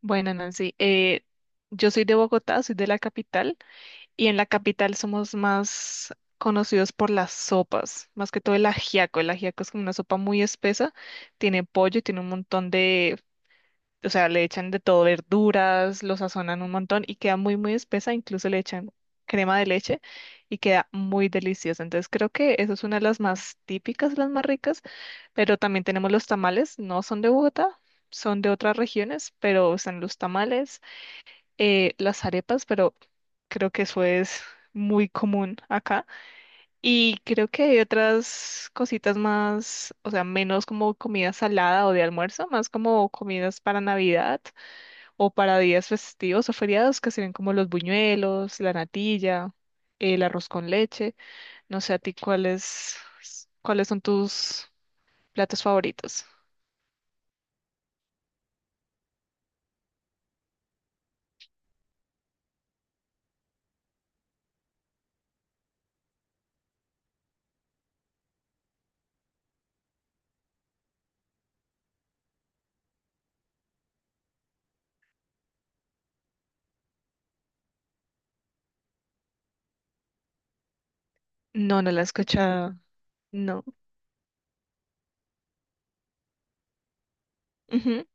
Bueno, Nancy, yo soy de Bogotá, soy de la capital, y en la capital somos más conocidos por las sopas, más que todo el ajiaco. El ajiaco es como una sopa muy espesa, tiene pollo, tiene un montón de, o sea, le echan de todo, verduras, lo sazonan un montón y queda muy, muy espesa, incluso le echan crema de leche y queda muy deliciosa. Entonces creo que eso es una de las más típicas, las más ricas, pero también tenemos los tamales, no son de Bogotá. Son de otras regiones, pero están los tamales, las arepas, pero creo que eso es muy común acá. Y creo que hay otras cositas más, o sea, menos como comida salada o de almuerzo, más como comidas para Navidad o para días festivos o feriados, que serían como los buñuelos, la natilla, el arroz con leche. No sé a ti cuáles son tus platos favoritos. No, no la he escuchado. No. Ujú.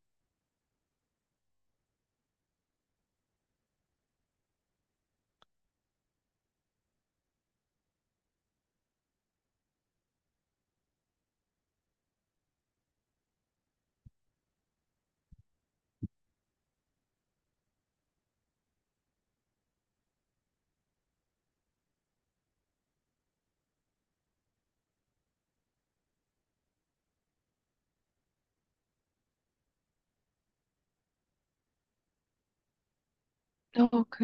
Ok.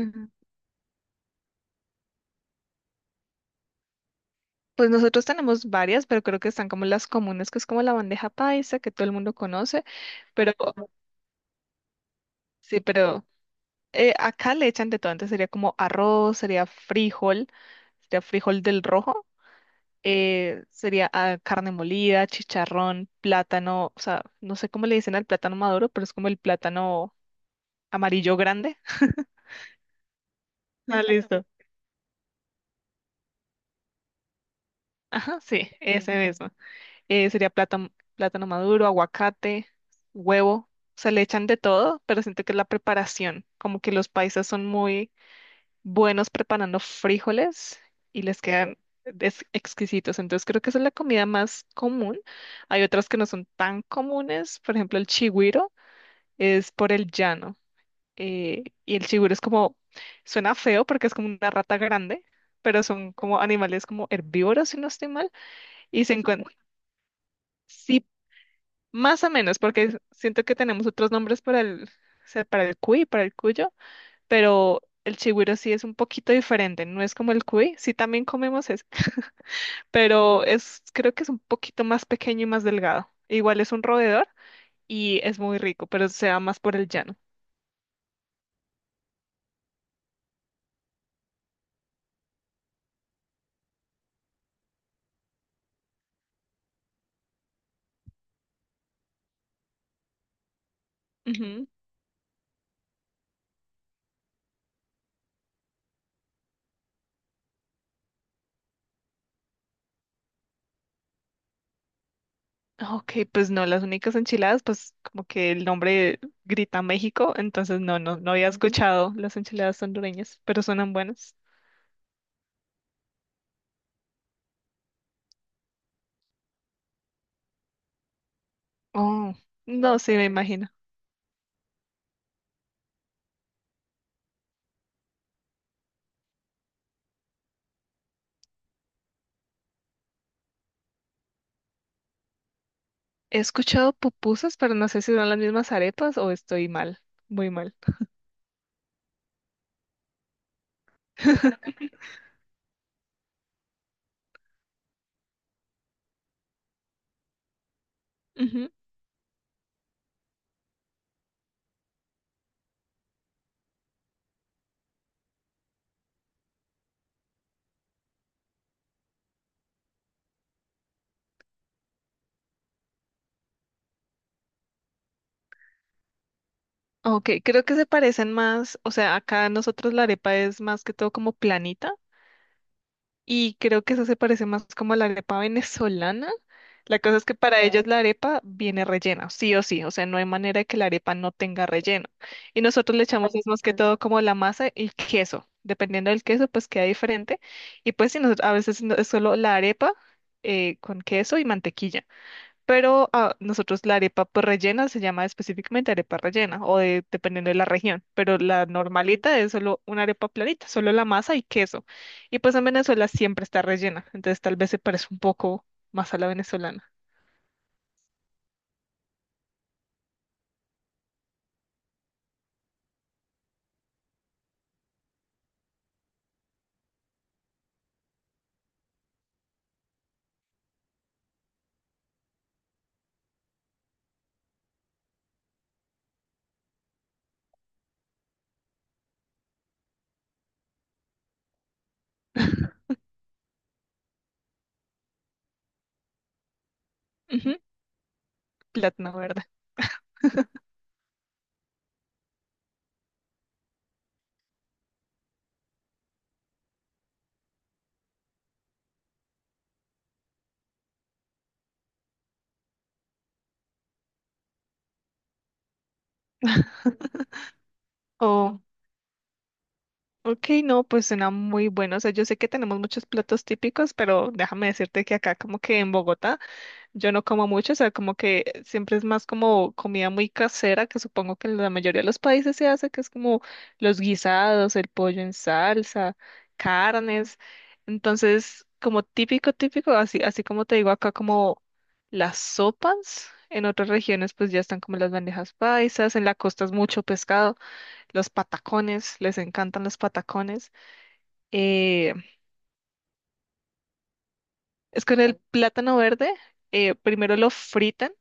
Pues nosotros tenemos varias, pero creo que están como las comunes, que es como la bandeja paisa, que todo el mundo conoce, pero sí, pero acá le echan de todo, entonces sería como arroz, sería frijol del rojo, sería carne molida, chicharrón, plátano, o sea, no sé cómo le dicen al plátano maduro, pero es como el plátano amarillo grande. Ah, listo. Ajá, sí, ese mismo. Sería plátano, plátano maduro, aguacate, huevo. Se le echan de todo, pero siento que es la preparación. Como que los paisas son muy buenos preparando frijoles y les quedan exquisitos. Entonces creo que esa es la comida más común. Hay otras que no son tan comunes. Por ejemplo, el chigüiro es por el llano. Y el chigüiro es como, suena feo porque es como una rata grande, pero son como animales como herbívoros, si no estoy mal. Y se encuentran, más o menos, porque siento que tenemos otros nombres para el, o sea, para el cuy, para el cuyo, pero el chigüiro sí es un poquito diferente, no es como el cuy, sí también comemos ese, pero es, creo que es un poquito más pequeño y más delgado. Igual es un roedor y es muy rico, pero se va más por el llano. Ujú. Ok, pues no, las únicas enchiladas, pues como que el nombre grita México, entonces no, no había escuchado las enchiladas hondureñas, pero suenan buenas. Oh, no, sí, me imagino. He escuchado pupusas, pero no sé si son las mismas arepas o estoy mal, muy mal. Ujú. Ok, creo que se parecen más, o sea, acá nosotros la arepa es más que todo como planita. Y creo que eso se parece más como a la arepa venezolana. La cosa es que para ellos la arepa viene rellena, sí o sí, o sea, no hay manera de que la arepa no tenga relleno. Y nosotros le echamos es más que todo como la masa y queso, dependiendo del queso, pues queda diferente. Y pues sí, nosotros, a veces es solo la arepa con queso y mantequilla. Pero nosotros la arepa pues, rellena se llama específicamente arepa rellena o dependiendo de la región, pero la normalita es solo una arepa planita, solo la masa y queso. Y pues en Venezuela siempre está rellena, entonces tal vez se parece un poco más a la venezolana. Ujú, plátano verde. Oh, ok, no, pues suena muy bueno. O sea, yo sé que tenemos muchos platos típicos, pero déjame decirte que acá como que en Bogotá yo no como mucho, o sea, como que siempre es más como comida muy casera, que supongo que en la mayoría de los países se hace, que es como los guisados, el pollo en salsa, carnes. Entonces, como típico, típico, así, así como te digo acá, como las sopas. En otras regiones, pues ya están como las bandejas paisas, en la costa es mucho pescado, los patacones, les encantan los patacones. Eh, es con el plátano verde, primero lo fritan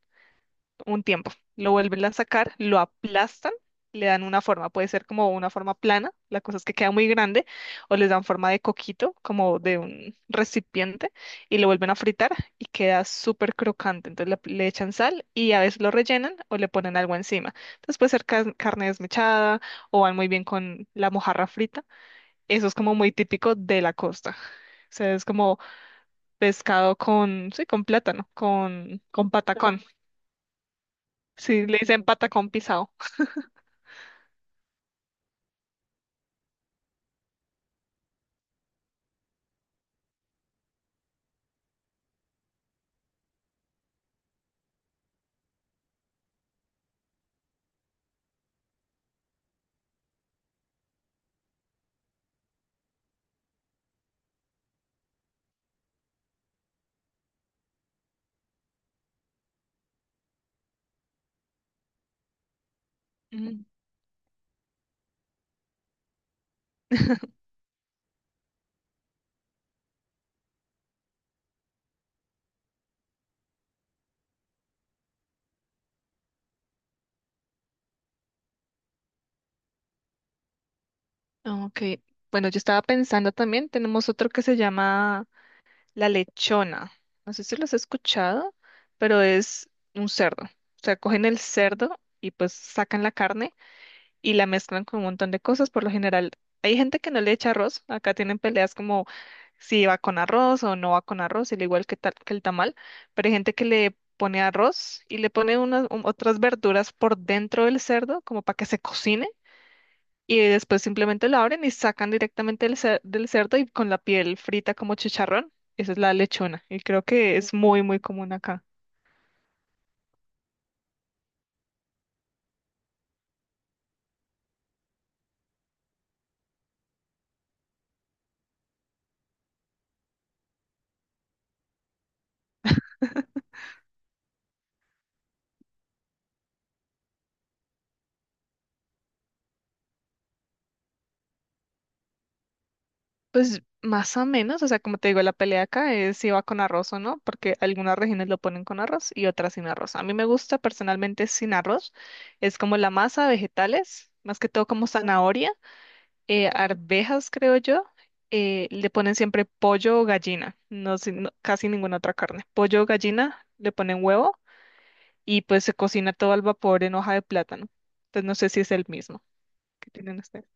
un tiempo. Lo vuelven a sacar, lo aplastan, le dan una forma. Puede ser como una forma plana, la cosa es que queda muy grande, o les dan forma de coquito, como de un recipiente, y lo vuelven a fritar y queda súper crocante. Entonces le echan sal y a veces lo rellenan o le ponen algo encima. Entonces puede ser carne desmechada o van muy bien con la mojarra frita. Eso es como muy típico de la costa. O sea, es como pescado con, sí, con plátano, con patacón. Sí, le dicen patacón pisado. Mm. Ok, bueno, yo estaba pensando también, tenemos otro que se llama la lechona. No sé si los has escuchado, pero es un cerdo. O sea, cogen el cerdo y pues sacan la carne y la mezclan con un montón de cosas. Por lo general, hay gente que no le echa arroz. Acá tienen peleas como si va con arroz o no va con arroz, al igual que, tal, que el tamal. Pero hay gente que le pone arroz y le pone otras verduras por dentro del cerdo como para que se cocine y después simplemente la abren y sacan directamente del cerdo y con la piel frita como chicharrón. Esa es la lechona y creo que es muy, muy común acá. Pues más o menos, o sea, como te digo, la pelea acá es si va con arroz o no, porque algunas regiones lo ponen con arroz y otras sin arroz. A mí me gusta personalmente sin arroz, es como la masa, vegetales, más que todo como zanahoria, arvejas, creo yo. Le ponen siempre pollo o gallina, no, sé, no- casi ninguna otra carne. Pollo o gallina, le ponen huevo y pues se cocina todo al vapor en hoja de plátano. Entonces no sé si es el mismo que tienen ustedes.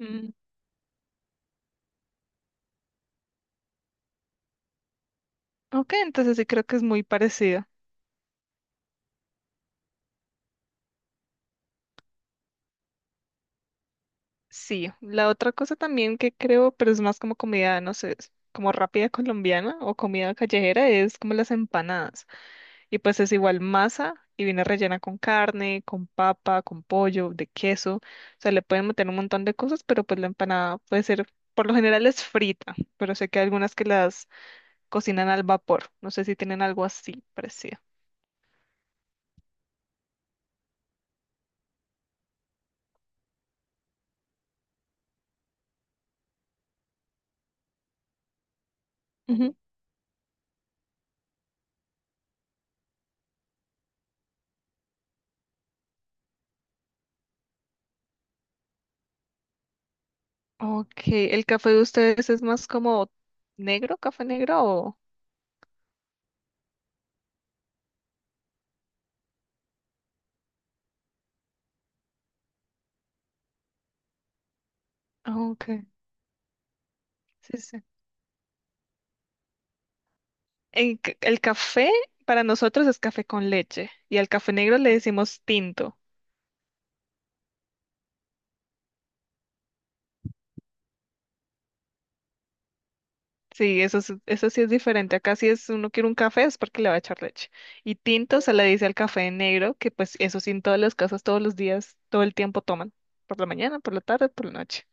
Mm, ok, entonces sí creo que es muy parecido. Sí, la otra cosa también que creo, pero es más como comida, no sé, es como rápida colombiana o comida callejera, es como las empanadas. Y pues es igual masa y viene rellena con carne, con papa, con pollo, de queso. O sea, le pueden meter un montón de cosas, pero pues la empanada puede ser, por lo general es frita, pero sé que hay algunas que las cocinan al vapor. No sé si tienen algo así parecido. Ujú. Ok, ¿el café de ustedes es más como negro, café negro o...? Ah, ok, sí, sí. El café para nosotros es café con leche y al café negro le decimos tinto. Sí, eso, eso sí es diferente. Acá si es uno quiere un café es porque le va a echar leche. Y tinto se le dice al café negro, que pues eso sí en todas las casas, todos los días, todo el tiempo toman. Por la mañana, por la tarde, por la noche.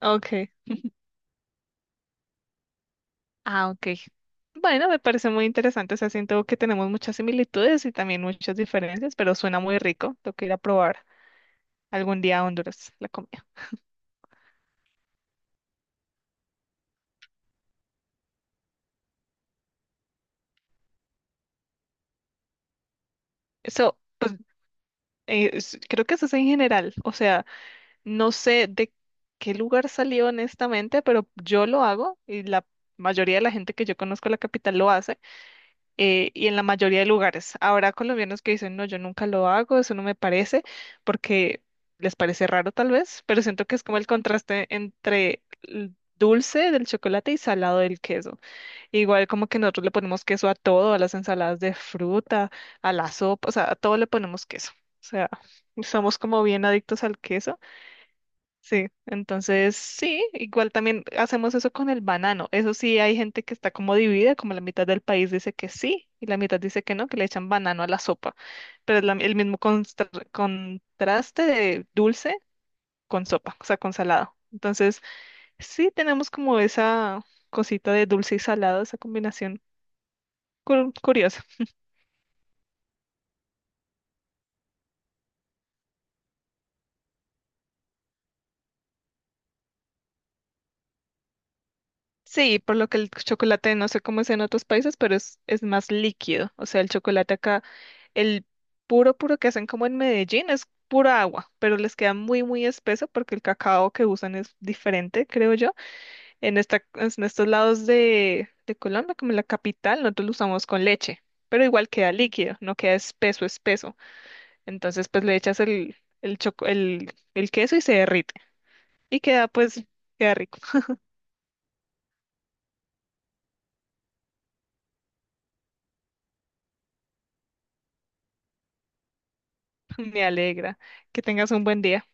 Ok. Ah, ok. Bueno, me parece muy interesante. O sea, siento que tenemos muchas similitudes y también muchas diferencias, pero suena muy rico. Tengo que ir a probar algún día a Honduras la comida. Eso, pues, creo que eso es en general. O sea, no sé de qué lugar salió honestamente, pero yo lo hago y la mayoría de la gente que yo conozco en la capital lo hace. Y en la mayoría de lugares. Habrá colombianos que dicen, no, yo nunca lo hago, eso no me parece, porque les parece raro tal vez, pero siento que es como el contraste entre el dulce del chocolate y salado del queso. Igual como que nosotros le ponemos queso a todo, a las ensaladas de fruta, a la sopa, o sea, a todo le ponemos queso. O sea, somos como bien adictos al queso. Sí, entonces sí, igual también hacemos eso con el banano. Eso sí, hay gente que está como dividida, como la mitad del país dice que sí y la mitad dice que no, que le echan banano a la sopa. Pero es el mismo contraste de dulce con sopa, o sea, con salado. Entonces sí tenemos como esa cosita de dulce y salado, esa combinación curiosa. Sí, por lo que el chocolate, no sé cómo es en otros países, pero es más líquido. O sea, el chocolate acá, el puro, puro que hacen como en Medellín es pura agua, pero les queda muy, muy espeso porque el cacao que usan es diferente, creo yo. En estos lados de Colombia, como en la capital, nosotros lo usamos con leche, pero igual queda líquido, no queda espeso, espeso. Entonces, pues le echas el queso y se derrite. Y queda, pues, queda rico. Me alegra. Que tengas un buen día.